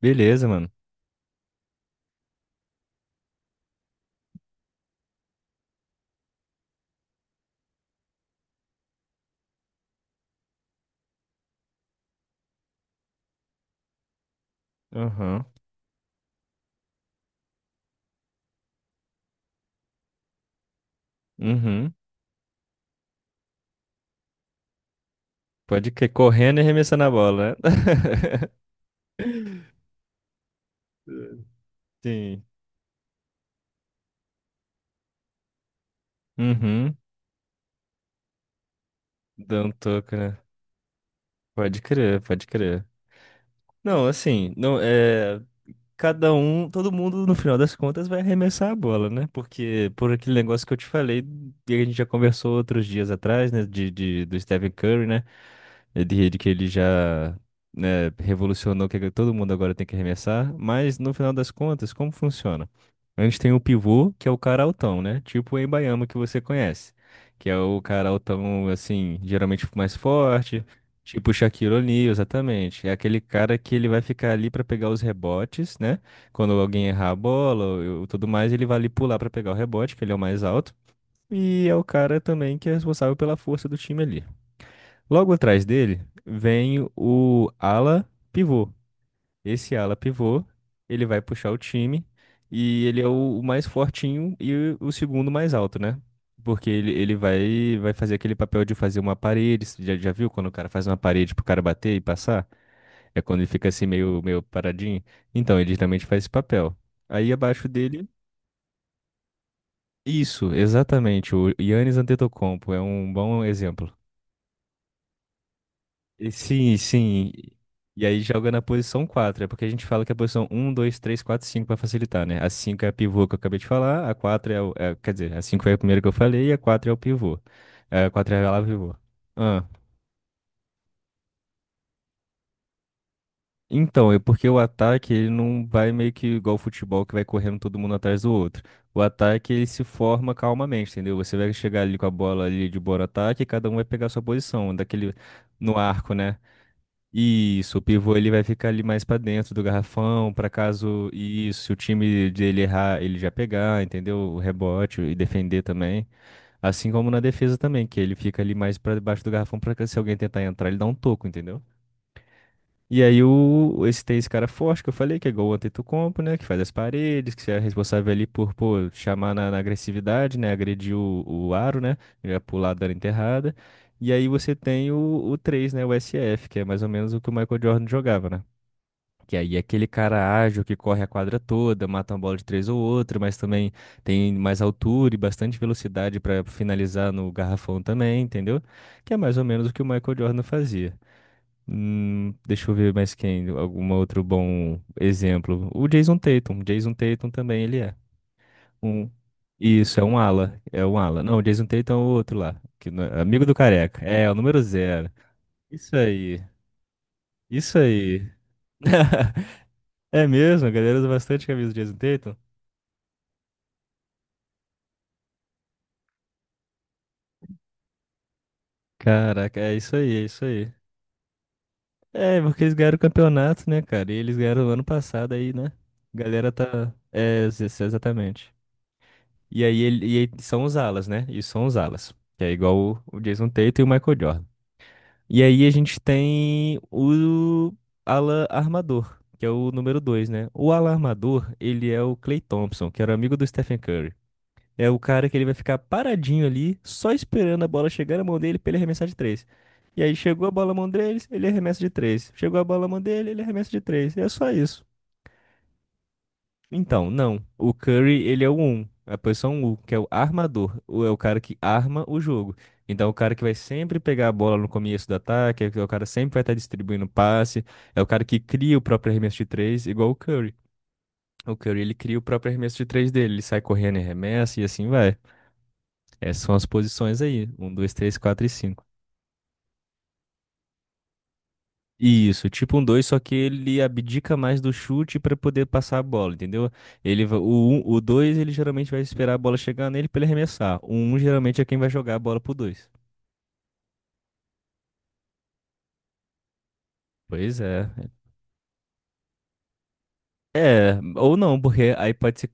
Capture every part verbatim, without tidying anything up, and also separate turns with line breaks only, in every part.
Beleza, mano. Aham. Uhum. Pode que correndo e arremessando a bola, né? Sim. Uhum. Dá um toco, né? Pode crer, pode crer. Não, assim, não é. cada um, todo mundo no final das contas vai arremessar a bola, né? Porque por aquele negócio que eu te falei, e a gente já conversou outros dias atrás, né? De, de- do Stephen Curry, né? É, De, de que ele já, né, revolucionou que todo mundo agora tem que arremessar. Mas no final das contas, como funciona? A gente tem o pivô, que é o cara altão, né? Tipo o Embaiama que você conhece. Que é o cara altão, assim, geralmente mais forte. Tipo o Shaquille O'Neal, exatamente. É aquele cara que ele vai ficar ali pra pegar os rebotes, né? Quando alguém errar a bola ou ou tudo mais, ele vai ali pular pra pegar o rebote, que ele é o mais alto. E é o cara também que é responsável pela força do time ali. Logo atrás dele vem o ala pivô, esse ala pivô, ele vai puxar o time e ele é o, o mais fortinho e o segundo mais alto, né? Porque ele, ele vai, vai fazer aquele papel de fazer uma parede. Você já, já viu quando o cara faz uma parede pro cara bater e passar? É quando ele fica assim meio, meio paradinho. Então, ele geralmente faz esse papel. Aí abaixo dele, isso, exatamente. O Giannis Antetokounmpo é um bom exemplo. E sim, sim. E aí joga na posição quatro. É porque a gente fala que a posição um, dois, três, quatro, cinco, para facilitar, né? A cinco é a pivô que eu acabei de falar, a quatro é o. é- quer dizer, a cinco é a primeira que eu falei e a quatro é o pivô. É. A quatro é a ala pivô. Ah. Então, é porque o ataque ele não vai meio que igual o futebol que vai correndo todo mundo atrás do outro. O ataque ele se forma calmamente, entendeu? Você vai chegar ali com a bola ali de bora ataque e cada um vai pegar a sua posição, daquele no arco, né? Isso, o pivô ele vai ficar ali mais pra dentro do garrafão, pra caso isso, se o time dele errar, ele já pegar, entendeu? O rebote e defender também, assim como na defesa também, que ele fica ali mais pra debaixo do garrafão para se alguém tentar entrar, ele dá um toco, entendeu? E aí o, esse tem esse cara forte que eu falei, que é igual o Antetokounmpo, né? Que faz as paredes, que é responsável ali por, pô, chamar na, na agressividade, né? Agredir o, o aro, né? Já pular dando enterrada. E aí você tem o, o três, né? O s f que é mais ou menos o que o Michael Jordan jogava, né? Que aí é aquele cara ágil que corre a quadra toda, mata uma bola de três ou outra, mas também tem mais altura e bastante velocidade pra finalizar no garrafão também, entendeu? Que é mais ou menos o que o Michael Jordan fazia. Hum, deixa eu ver mais quem, algum outro bom exemplo. O Jason Tatum. Jason Tatum também ele é. Um, isso, é um ala. É um ala. Não, o Jason Tatum é o outro lá. Que, não é- amigo do careca. É, é o número zero. Isso aí. Isso aí. É mesmo? A galera usa bastante camisa do Jason Tatum? Caraca, é isso aí, é isso aí. É, porque eles ganharam o campeonato, né, cara? E eles ganharam ano passado aí, né? A galera tá. É, ex- ex- exatamente. E aí, ele, e aí são os alas, né? E são os alas. Que é igual o, o Jason Tatum e o Michael Jordan. E aí a gente tem o ala armador, que é o número dois, né? O ala armador, ele é o Klay Thompson, que era amigo do Stephen Curry. É o cara que ele vai ficar paradinho ali, só esperando a bola chegar na mão dele pra ele arremessar de três. E aí chegou a bola na mão deles, ele arremessa de três. Chegou a bola na mão dele, ele arremessa de três. E é só isso. Então, não. O Curry, ele é o um. A posição um que é o armador. O- É o cara que arma o jogo. Então, é o cara que vai sempre pegar a bola no começo do ataque, é o cara que sempre vai estar distribuindo passe, é o cara que cria o próprio arremesso de três, igual o Curry. O Curry, ele cria o próprio arremesso de três dele, ele sai correndo e arremessa e assim vai. Essas são as posições aí, um, dois, três, quatro e cinco. Isso, tipo um dois, só que ele abdica mais do chute para poder passar a bola, entendeu? Ele, va- o um- o dois, ele geralmente vai esperar a bola chegar nele para ele arremessar. O um geralmente é quem vai jogar a bola pro dois. Pois é. É, ou não, porque aí pode ser.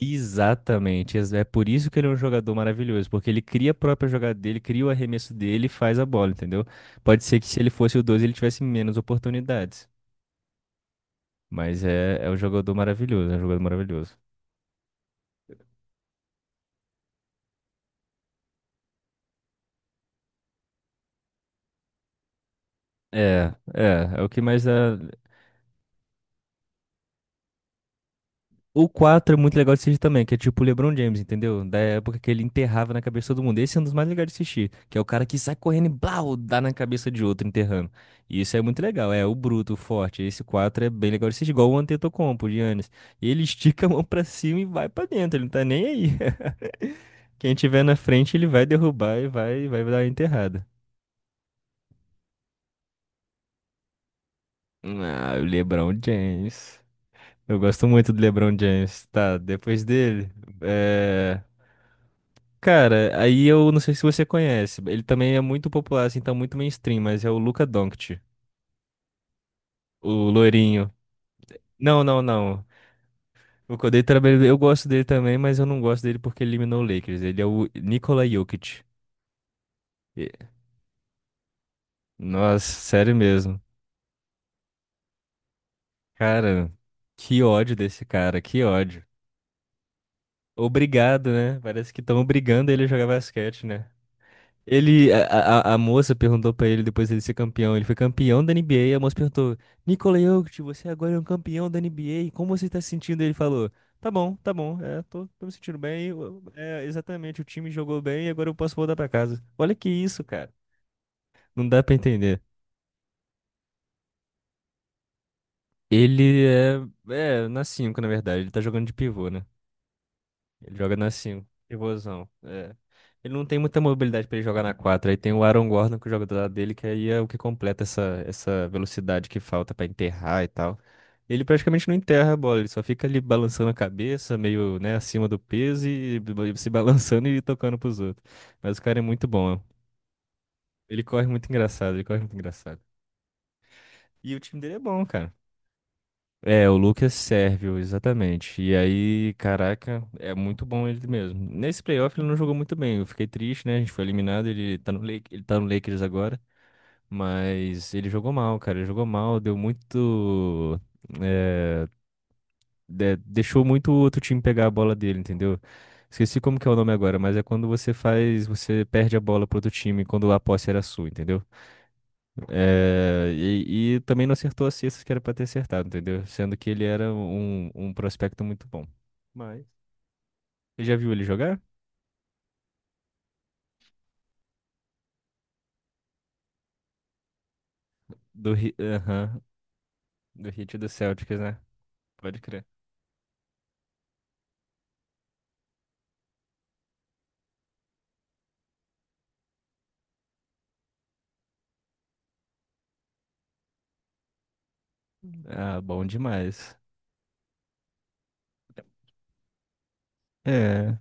Exatamente. ex- É por isso que ele é um jogador maravilhoso, porque ele cria a própria jogada dele, cria o arremesso dele e faz a bola, entendeu? Pode ser que se ele fosse o dois, ele tivesse menos oportunidades. Mas é, é um jogador maravilhoso, é um jogador maravilhoso. É, é, é o que mais dá. O quatro é muito legal de assistir também, que é tipo o LeBron James, entendeu? Da época que ele enterrava na cabeça de todo mundo. Esse é um dos mais legais de assistir, que é o cara que sai correndo e blau, dá na cabeça de outro enterrando. E isso é muito legal, é o bruto, o forte. Esse quatro é bem legal de assistir, igual o Antetokounmpo, o Giannis. Ele estica a mão pra cima e vai pra dentro, ele não tá nem aí. Quem tiver na frente, ele vai derrubar e vai, vai dar a enterrada. Ah, o LeBron James. Eu gosto muito do LeBron James. Tá, depois dele. É. Cara, aí eu não sei se você conhece. Ele também é muito popular, assim, tá muito mainstream, mas é o Luka Doncic, o loirinho. Não, não, não. O Kodai trabalhou, eu gosto dele também, mas eu não gosto dele porque ele eliminou o Lakers. Ele é o Nikola Jokic. E- Nossa, sério mesmo. Cara, que ódio desse cara, que ódio. Obrigado, né? Parece que estão obrigando ele a jogar basquete, né? Ele, a, a- a moça perguntou pra ele depois dele ser campeão. Ele foi campeão da N B A. e A moça perguntou: Nikola Jokic, você agora é um campeão da N B A. Como você tá se sentindo? Ele falou: Tá bom, tá bom. É, tô, tô me sentindo bem. eu- É, exatamente, o time jogou bem e agora eu posso voltar pra casa. Olha que isso, cara. Não dá pra entender. Ele é, é na cinco, na verdade. Ele tá jogando de pivô, né? Ele joga na cinco, pivôzão. É. Ele não tem muita mobilidade pra ele jogar na quatro. Aí tem o Aaron Gordon que joga do lado dele, que aí é o que completa essa, essa velocidade que falta pra enterrar e tal. Ele praticamente não enterra a bola, ele só fica ali balançando a cabeça, meio, né, acima do peso e b- se balançando e tocando pros outros. Mas o cara é muito bom. Ele corre muito engraçado, ele corre muito engraçado. E o time dele é bom, cara. É, o Lucas Sérvio, exatamente. E aí, caraca, é muito bom ele mesmo. Nesse playoff ele não jogou muito bem. Eu fiquei triste, né? A gente foi eliminado, ele tá no Lake, ele tá no Lakers agora, mas ele jogou mal, cara. Ele jogou mal, deu muito é, de- deixou muito o outro time pegar a bola dele, entendeu? Esqueci como que é o nome agora, mas é quando você faz, você perde a bola pro outro time quando a posse era sua, entendeu? É, e, e também não acertou as cestas que era pra ter acertado, entendeu? Sendo que ele era um, um prospecto muito bom. Mas. Você já viu ele jogar? Do, Hi- aham, do Heat e do Celtics, né? Pode crer. Ah, bom demais. É,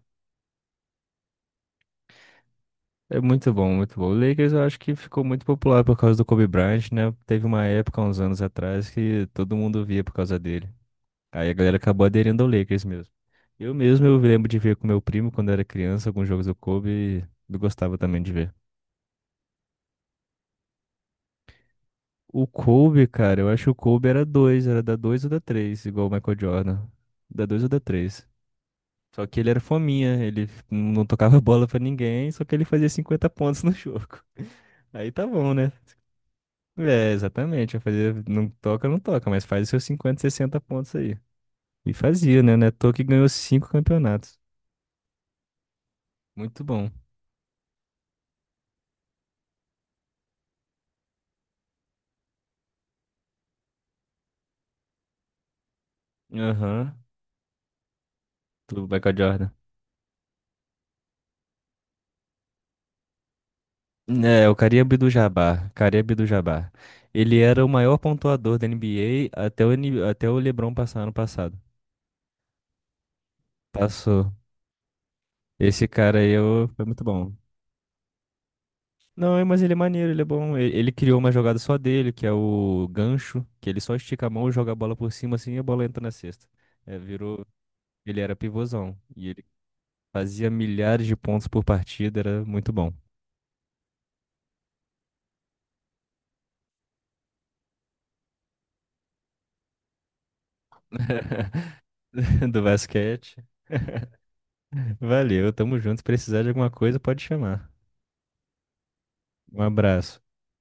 é muito bom, muito bom. O Lakers eu acho que ficou muito popular por causa do Kobe Bryant, né? Teve uma época, uns anos atrás, que todo mundo via por causa dele. Aí a galera acabou aderindo ao Lakers mesmo. Eu mesmo eu lembro de ver com meu primo quando era criança alguns jogos do Kobe e eu gostava também de ver. O Kobe, cara, eu acho que o Kobe era dois, era da dois ou da três, igual o Michael Jordan. Da dois ou da três. Só que ele era fominha, ele não tocava bola pra ninguém, só que ele fazia cinquenta pontos no jogo. Aí tá bom, né? É, exatamente, vai fazer, não toca, não toca, mas faz os seus cinquenta sessenta pontos aí. E fazia, né? Neto que ganhou cinco campeonatos. Muito bom. Aham, do Michael Jordan. É, o Kareem Abdul-Jabbar, Kareem Abdul-Jabbar. Ele era o maior pontuador da N B A até o, N- até o LeBron passar ano passado. Passou. Esse cara aí eu- foi muito bom. Não, é, mas ele é maneiro, ele é bom. E- Ele, criou uma jogada só dele, que é o gancho, que ele só estica a mão, joga a bola por cima assim e a bola entra na cesta. É, virou. Ele era pivôzão. E ele fazia milhares de pontos por partida, era muito bom. Do basquete. Valeu, tamo junto. Se precisar de alguma coisa, pode chamar. Um abraço.